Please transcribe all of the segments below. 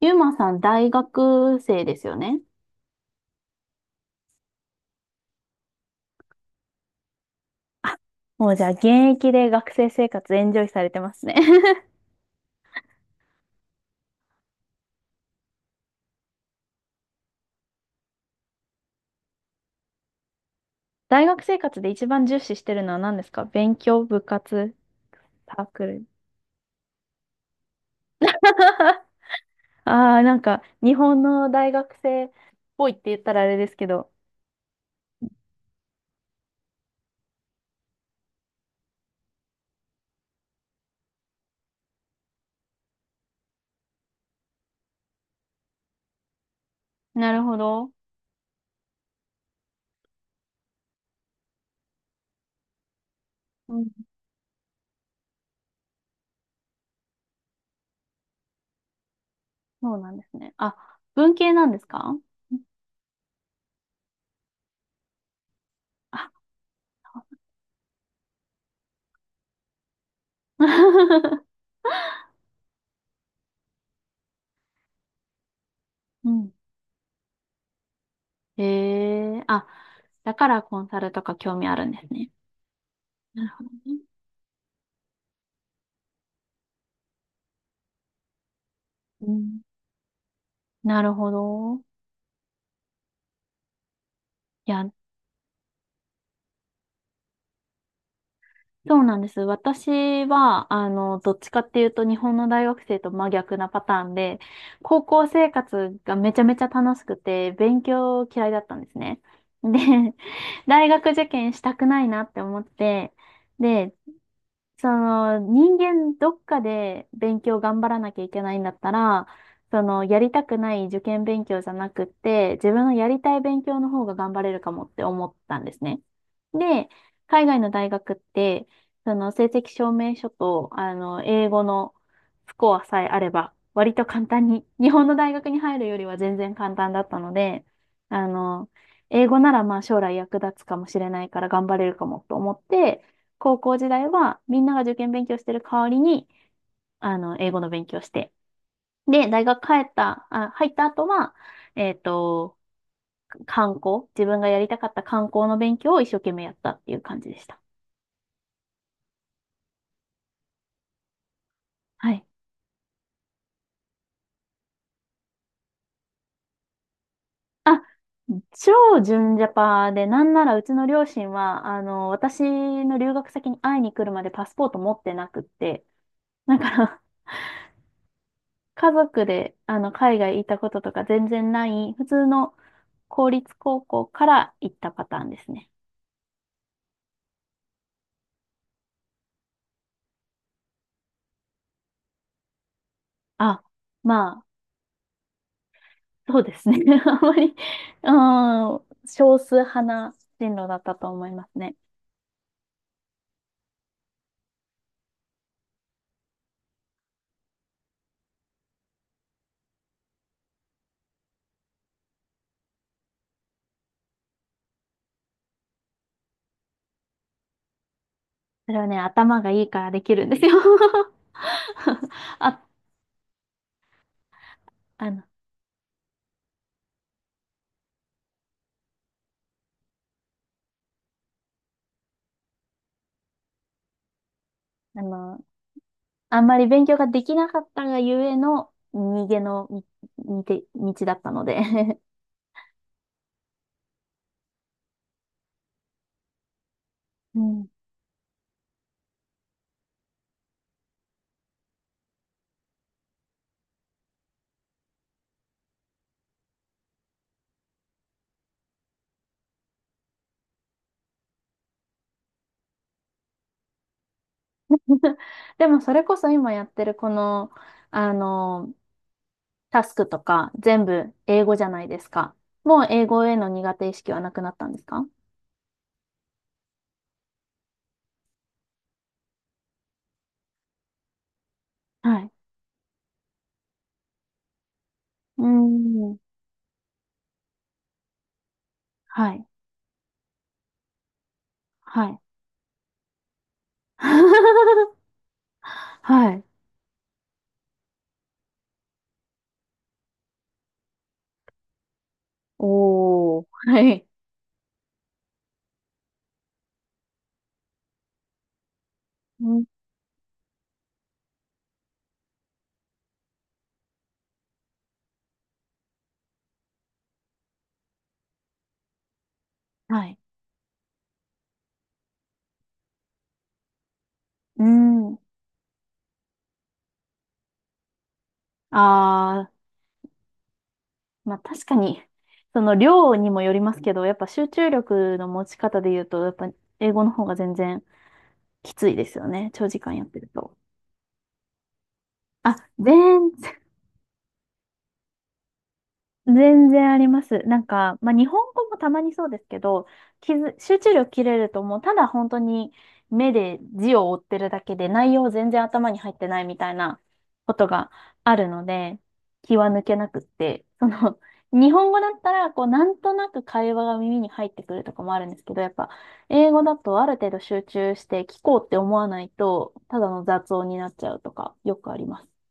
ゆうまさん、大学生ですよね。もうじゃあ現役で学生生活エンジョイされてますね。 大学生活で一番重視してるのは何ですか？勉強、部活、サークル。ああ、なんか日本の大学生っぽいって言ったらあれですけど。なるほど。うん、そうなんですね。あ、文系なんですか？あ うん。へえ、あ、だからコンサルとか興味あるんですね。なるほどね。うん、なるほど。いや、そうなんです。私は、どっちかっていうと日本の大学生と真逆なパターンで、高校生活がめちゃめちゃ楽しくて、勉強嫌いだったんですね。で、大学受験したくないなって思って、で、その人間どっかで勉強頑張らなきゃいけないんだったら、そのやりたくない受験勉強じゃなくって、自分のやりたい勉強の方が頑張れるかもって思ったんですね。で、海外の大学って、その成績証明書と、英語のスコアさえあれば、割と簡単に、日本の大学に入るよりは全然簡単だったので、あの、英語ならまあ将来役立つかもしれないから頑張れるかもと思って、高校時代はみんなが受験勉強してる代わりに、英語の勉強して。で、大学帰った、あ、入った後は、えっと、自分がやりたかった観光の勉強を一生懸命やったっていう感じでした。はい。あ、超純ジャパで、なんならうちの両親は、私の留学先に会いに来るまでパスポート持ってなくって、だから、家族で、海外行ったこととか全然ない、普通の公立高校から行ったパターンですね。あ、まあ、そうですね。あんまり、うん、少数派な進路だったと思いますね。それはね、頭がいいからできるんですよ。あ、あの、あの、あんまり勉強ができなかったがゆえの逃げのみみて道だったので。 うん。でもそれこそ今やってるこの、あの、タスクとか全部英語じゃないですか。もう英語への苦手意識はなくなったんですか？はい。うん。はい。はい。はい。おー。はい。うん。はい。うん。あー、まあ確かに、その量にもよりますけど、やっぱ集中力の持ち方で言うと、やっぱ英語の方が全然きついですよね。長時間やってると。あ、全然あります。なんか、まあ、日本語もたまにそうですけど、集中力切れるともうただ本当に目で字を追ってるだけで内容全然頭に入ってないみたいなことがあるので、気は抜けなくって、その、日本語だったら、こう、なんとなく会話が耳に入ってくるとかもあるんですけど、やっぱ、英語だとある程度集中して聞こうって思わないと、ただの雑音になっちゃうとか、よくあります。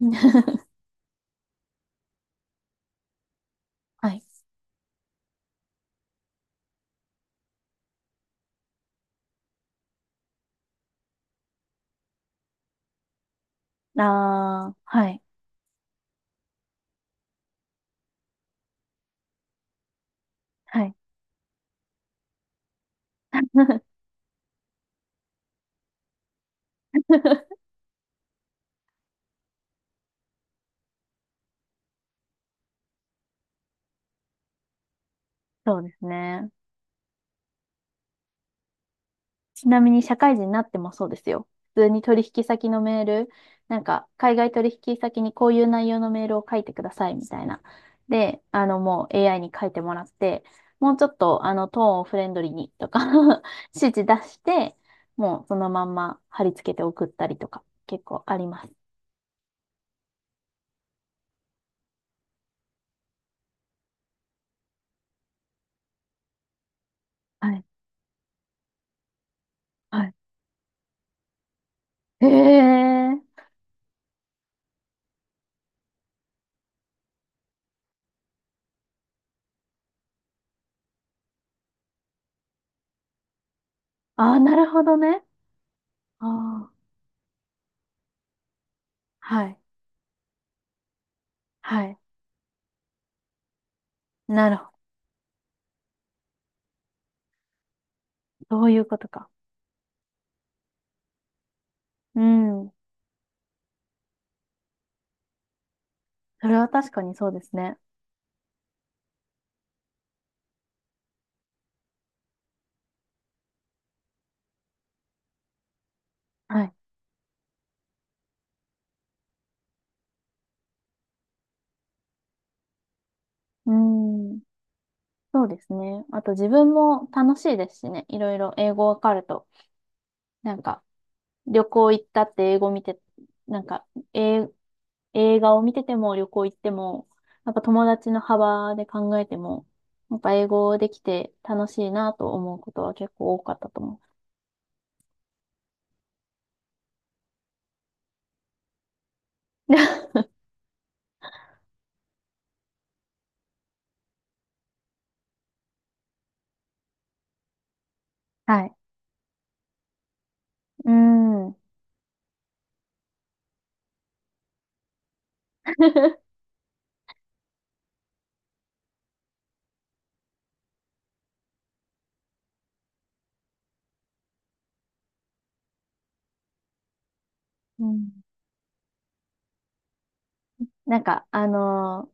はい。ああ、はい。はい。そうですね。ちなみに社会人になってもそうですよ。普通に取引先のメール、なんか海外取引先にこういう内容のメールを書いてくださいみたいな。で、あのもう AI に書いてもらって、もうちょっとあのトーンをフレンドリーにとか 指示出して、もうそのまんま貼り付けて送ったりとか結構あります。はい。はい。へえ。ああ、なるほどね。ああ。はい。はい。なるほど。そういうことか。うん。それは確かにそうですね。はい。うーん。そうですね。あと自分も楽しいですしね。いろいろ英語わかると。なんか、旅行行ったって英語見て、なんか、え、映画を見てても旅行行っても、やっぱ友達の幅で考えても、やっぱ英語できて楽しいなと思うことは結構多かったと思う。はい。うーん。うん、なんか、あの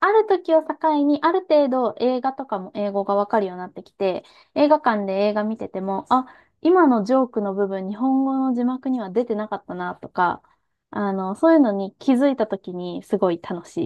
ある時を境に、ある程度映画とかも英語がわかるようになってきて、映画館で映画見てても、あ、今のジョークの部分、日本語の字幕には出てなかったなとか、そういうのに気づいた時にすごい楽し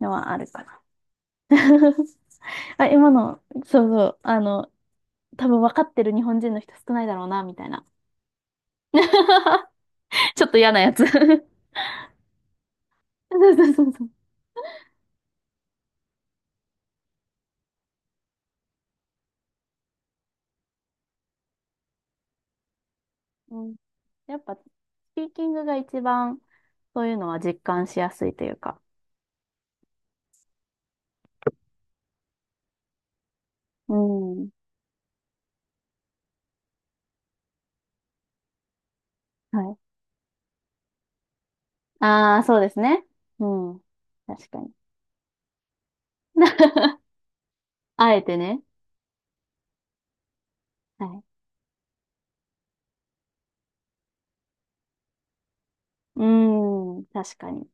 いのはあるかな。あ、今の、そうそう、多分分かってる日本人の人少ないだろうな、みたいな。ちょっと嫌なやつ。 そうそうそうそう。うん、やっぱ、スピーキングが一番そういうのは実感しやすいというか。うん。はい。ああ、そうですね。うん。確かに。あえてね。はい。うん。確かに。